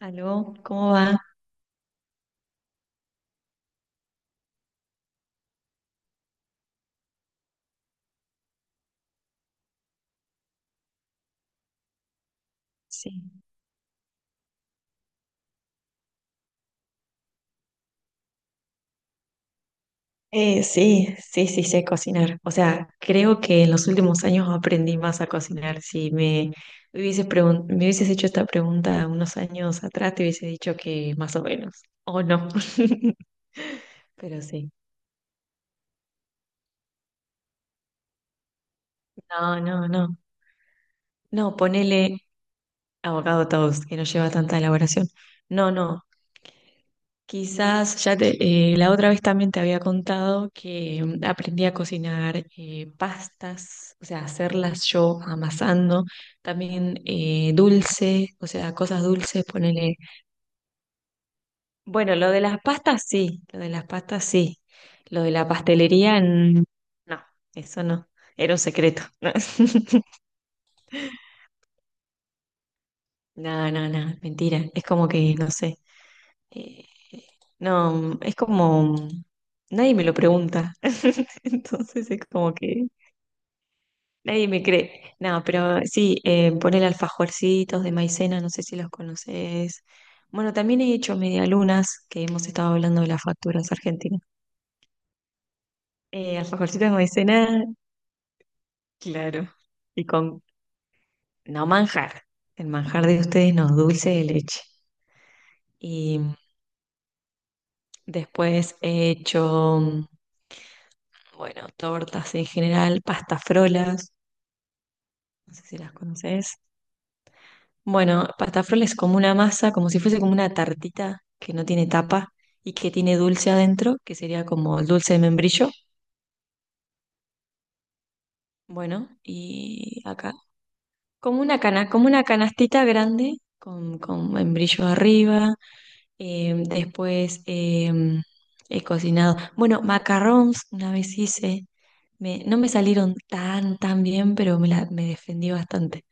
¿Aló? ¿Cómo va? Sí. Sí, sí, sí sé cocinar. O sea, creo que en los últimos años aprendí más a cocinar. Si me me hubieses hecho esta pregunta unos años atrás, te hubiese dicho que más o menos. O no. Pero sí. No, no, no. No, ponele abogado toast, que no lleva tanta elaboración. No, no. Quizás ya te- la otra vez también te había contado que aprendí a cocinar pastas, o sea, hacerlas yo amasando, también dulce, o sea, cosas dulces, ponele. Bueno, lo de las pastas sí, lo de las pastas sí, lo de la pastelería no, eso no, era un secreto. No, no, no, mentira, es como que no sé. Eh, no, es como, nadie me lo pregunta, entonces es como que nadie me cree. No, pero sí, poner alfajorcitos de maicena, no sé si los conoces. Bueno, también he hecho medialunas, que hemos estado hablando de las facturas argentinas. Alfajorcitos de maicena, claro. Y con, no manjar, el manjar de ustedes no, dulce de leche. Y después he hecho, bueno, tortas en general, pastafrolas. No sé si las conoces. Bueno, pastafroles es como una masa, como si fuese como una tartita que no tiene tapa y que tiene dulce adentro, que sería como el dulce de membrillo. Bueno, y acá, como una canastita grande con membrillo arriba. Después, he cocinado. Bueno, macarons una vez hice. No me salieron tan, tan bien, pero me defendí bastante.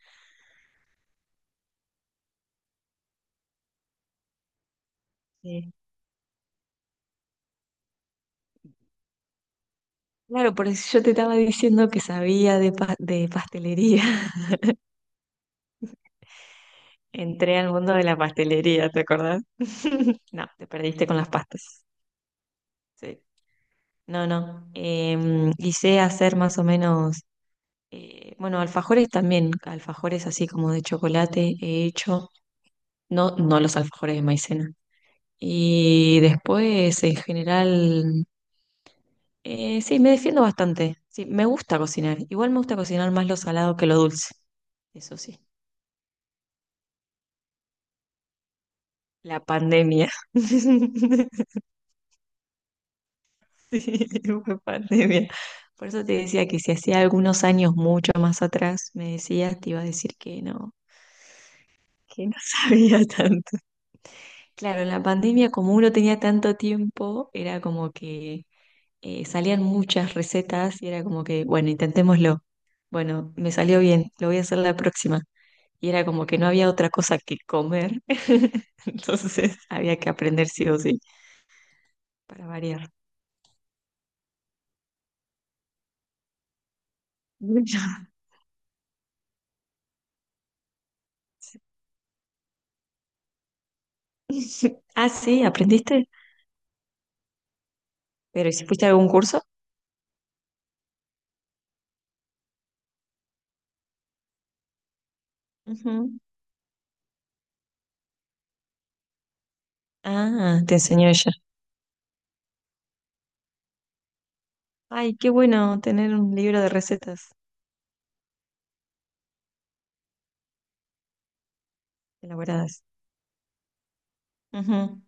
Claro, por eso yo te estaba diciendo que sabía de pastelería. Entré al mundo de la pastelería, ¿te acordás? No, te perdiste con las pastas. Sí. No, no. Y sé hacer más o menos, bueno, alfajores también, alfajores así como de chocolate he hecho, no, no los alfajores de maicena. Y después, en general, sí, me defiendo bastante. Sí, me gusta cocinar. Igual me gusta cocinar más lo salado que lo dulce, eso sí. La pandemia. Sí, fue pandemia. Por eso te decía que si hacía algunos años mucho más atrás me decías, te iba a decir que no sabía tanto. Claro, en la pandemia como uno tenía tanto tiempo, era como que salían muchas recetas y era como que, bueno, intentémoslo. Bueno, me salió bien, lo voy a hacer la próxima. Y era como que no había otra cosa que comer, entonces había que aprender sí o sí, para variar. Sí, ah, sí, aprendiste. Pero ¿y si fuiste a algún curso? Ujú. Ah, te enseñó ella. Ay, qué bueno tener un libro de recetas elaboradas. Ujú.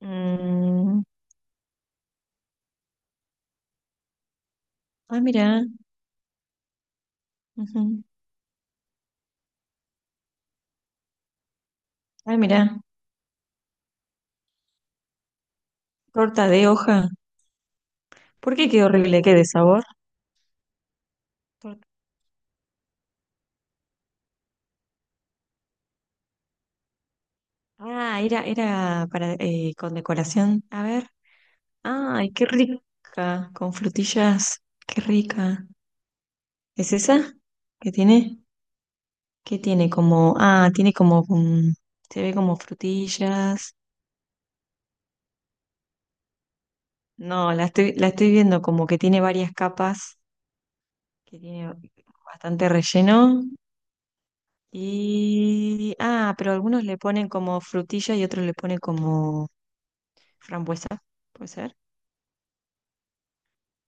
Mm, ah, mira. Ujú. Ah, mira. Torta de hoja. ¿Por qué quedó horrible? ¿Qué de sabor? Torta. Ah, era para con decoración. A ver. Ay, qué rica. Con frutillas. Qué rica. ¿Es esa? ¿Qué tiene? ¿Qué tiene como? Ah, tiene como, se ve como frutillas. No, la estoy viendo como que tiene varias capas, que tiene bastante relleno. Y, ah, pero algunos le ponen como frutilla y otros le ponen como frambuesa, ¿puede ser?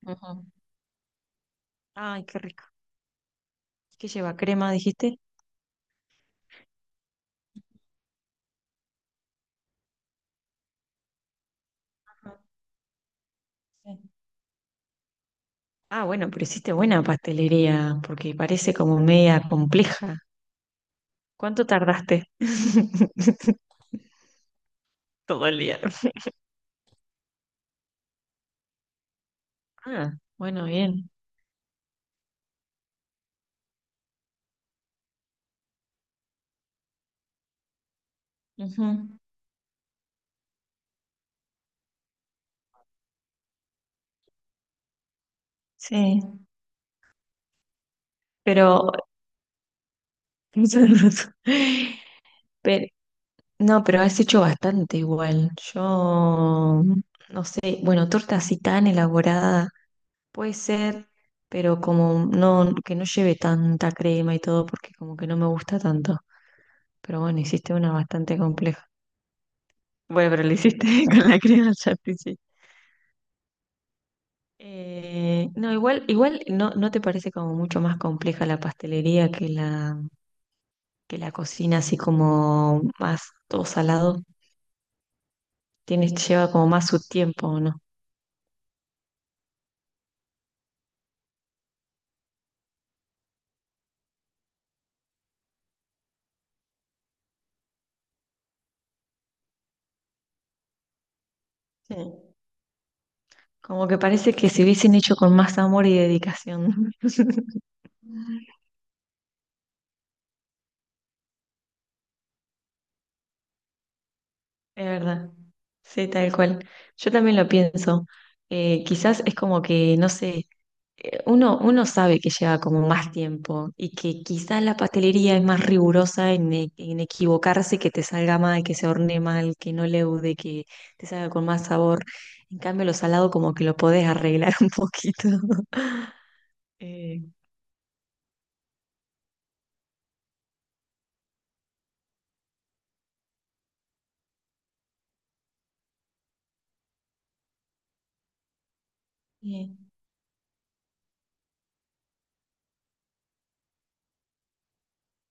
Ujú. Ay, qué rico. ¿Qué lleva? ¿Crema, dijiste? Ajá, sí. Ah, bueno, pero hiciste buena pastelería, porque parece como media compleja. ¿Cuánto tardaste? Todo el día. Ah, bueno, bien. Ujú. Sí, pero, pero no, pero has hecho bastante igual. Yo no sé, bueno, torta así tan elaborada puede ser, pero como no, que no lleve tanta crema y todo, porque como que no me gusta tanto. Pero bueno, hiciste una bastante compleja. Bueno, pero la hiciste con la crema ya te hice. No, igual no, no te parece como mucho más compleja la pastelería que la cocina así como más todo salado tiene, lleva como más su tiempo, ¿o no? Sí. Como que parece que se hubiesen hecho con más amor y dedicación. Es verdad, sí, tal cual. Yo también lo pienso. Quizás es como que, no sé, uno sabe que lleva como más tiempo y que quizás la pastelería es más rigurosa en, en equivocarse, que te salga mal, que se hornee mal, que no leude, que te salga con más sabor. En cambio, lo salado como que lo podés arreglar un poquito. Eh, bien.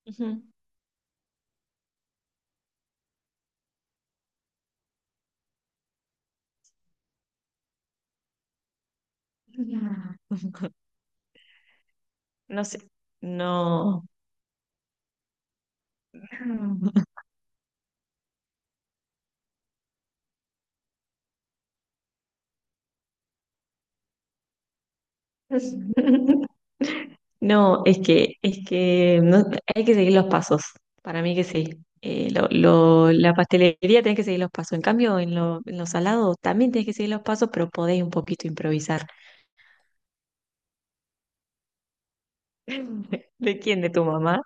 Ujú. No sé, no. No, es que hay que seguir los pasos. Para mí que sí. La pastelería tenés que seguir los pasos. En cambio, en los salados también tenés que seguir los pasos, pero podés un poquito improvisar. ¿De quién? ¿De tu mamá?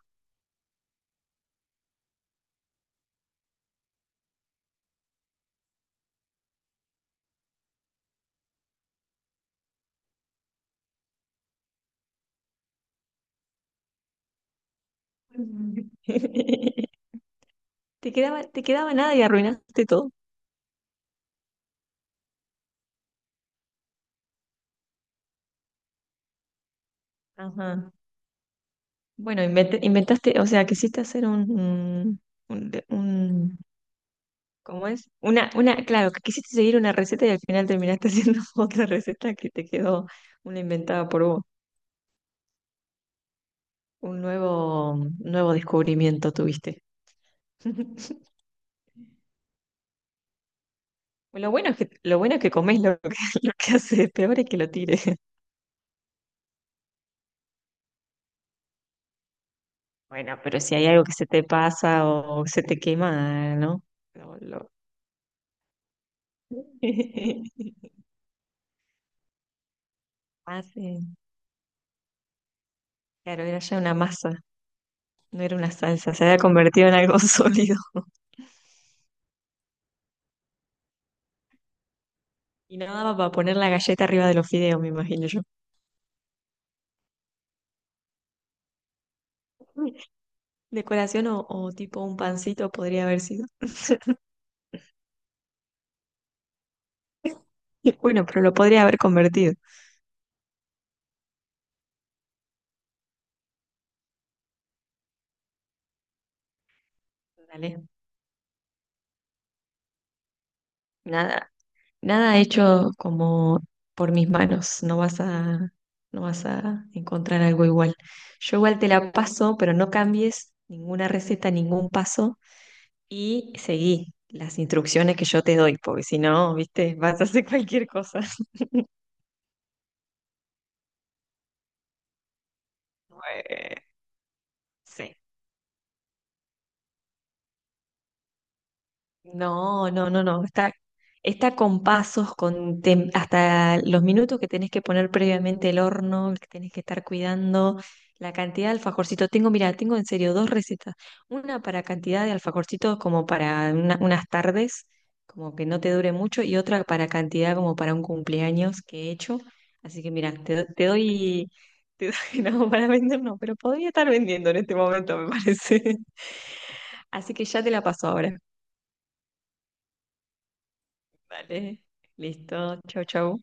Te quedaba nada y arruinaste todo. Ajá. Bueno, inventaste, o sea, quisiste hacer un ¿cómo es? Una, claro, que quisiste seguir una receta y al final terminaste haciendo otra receta que te quedó una inventada por vos. Un nuevo descubrimiento tuviste. Lo bueno es que comes lo que, lo que haces, peor es que lo tires. Bueno, pero si hay algo que se te pasa o se te quema, ¿no? Lo- lo- Ah, sí. Claro, era ya una masa, no era una salsa, se había convertido en algo sólido. Y no daba para poner la galleta arriba de los fideos, me imagino yo. Decoración o tipo un pancito podría haber sido. Bueno, pero lo podría haber convertido. Dale. Nada, nada hecho como por mis manos. No vas a encontrar algo igual. Yo igual te la paso, pero no cambies ninguna receta, ningún paso y seguí las instrucciones que yo te doy, porque si no, viste, vas a hacer cualquier cosa. Eh, sí. No, no, no, no. Está, está con pasos, hasta los minutos que tenés que poner previamente el horno, que tenés que estar cuidando, la cantidad de alfajorcitos. Tengo, mira, tengo en serio 2 recetas. Una para cantidad de alfajorcitos como para unas tardes, como que no te dure mucho, y otra para cantidad como para un cumpleaños que he hecho. Así que mira, te doy, no, para vender no, pero podría estar vendiendo en este momento, me parece. Así que ya te la paso ahora. Vale, listo. Chau, chau.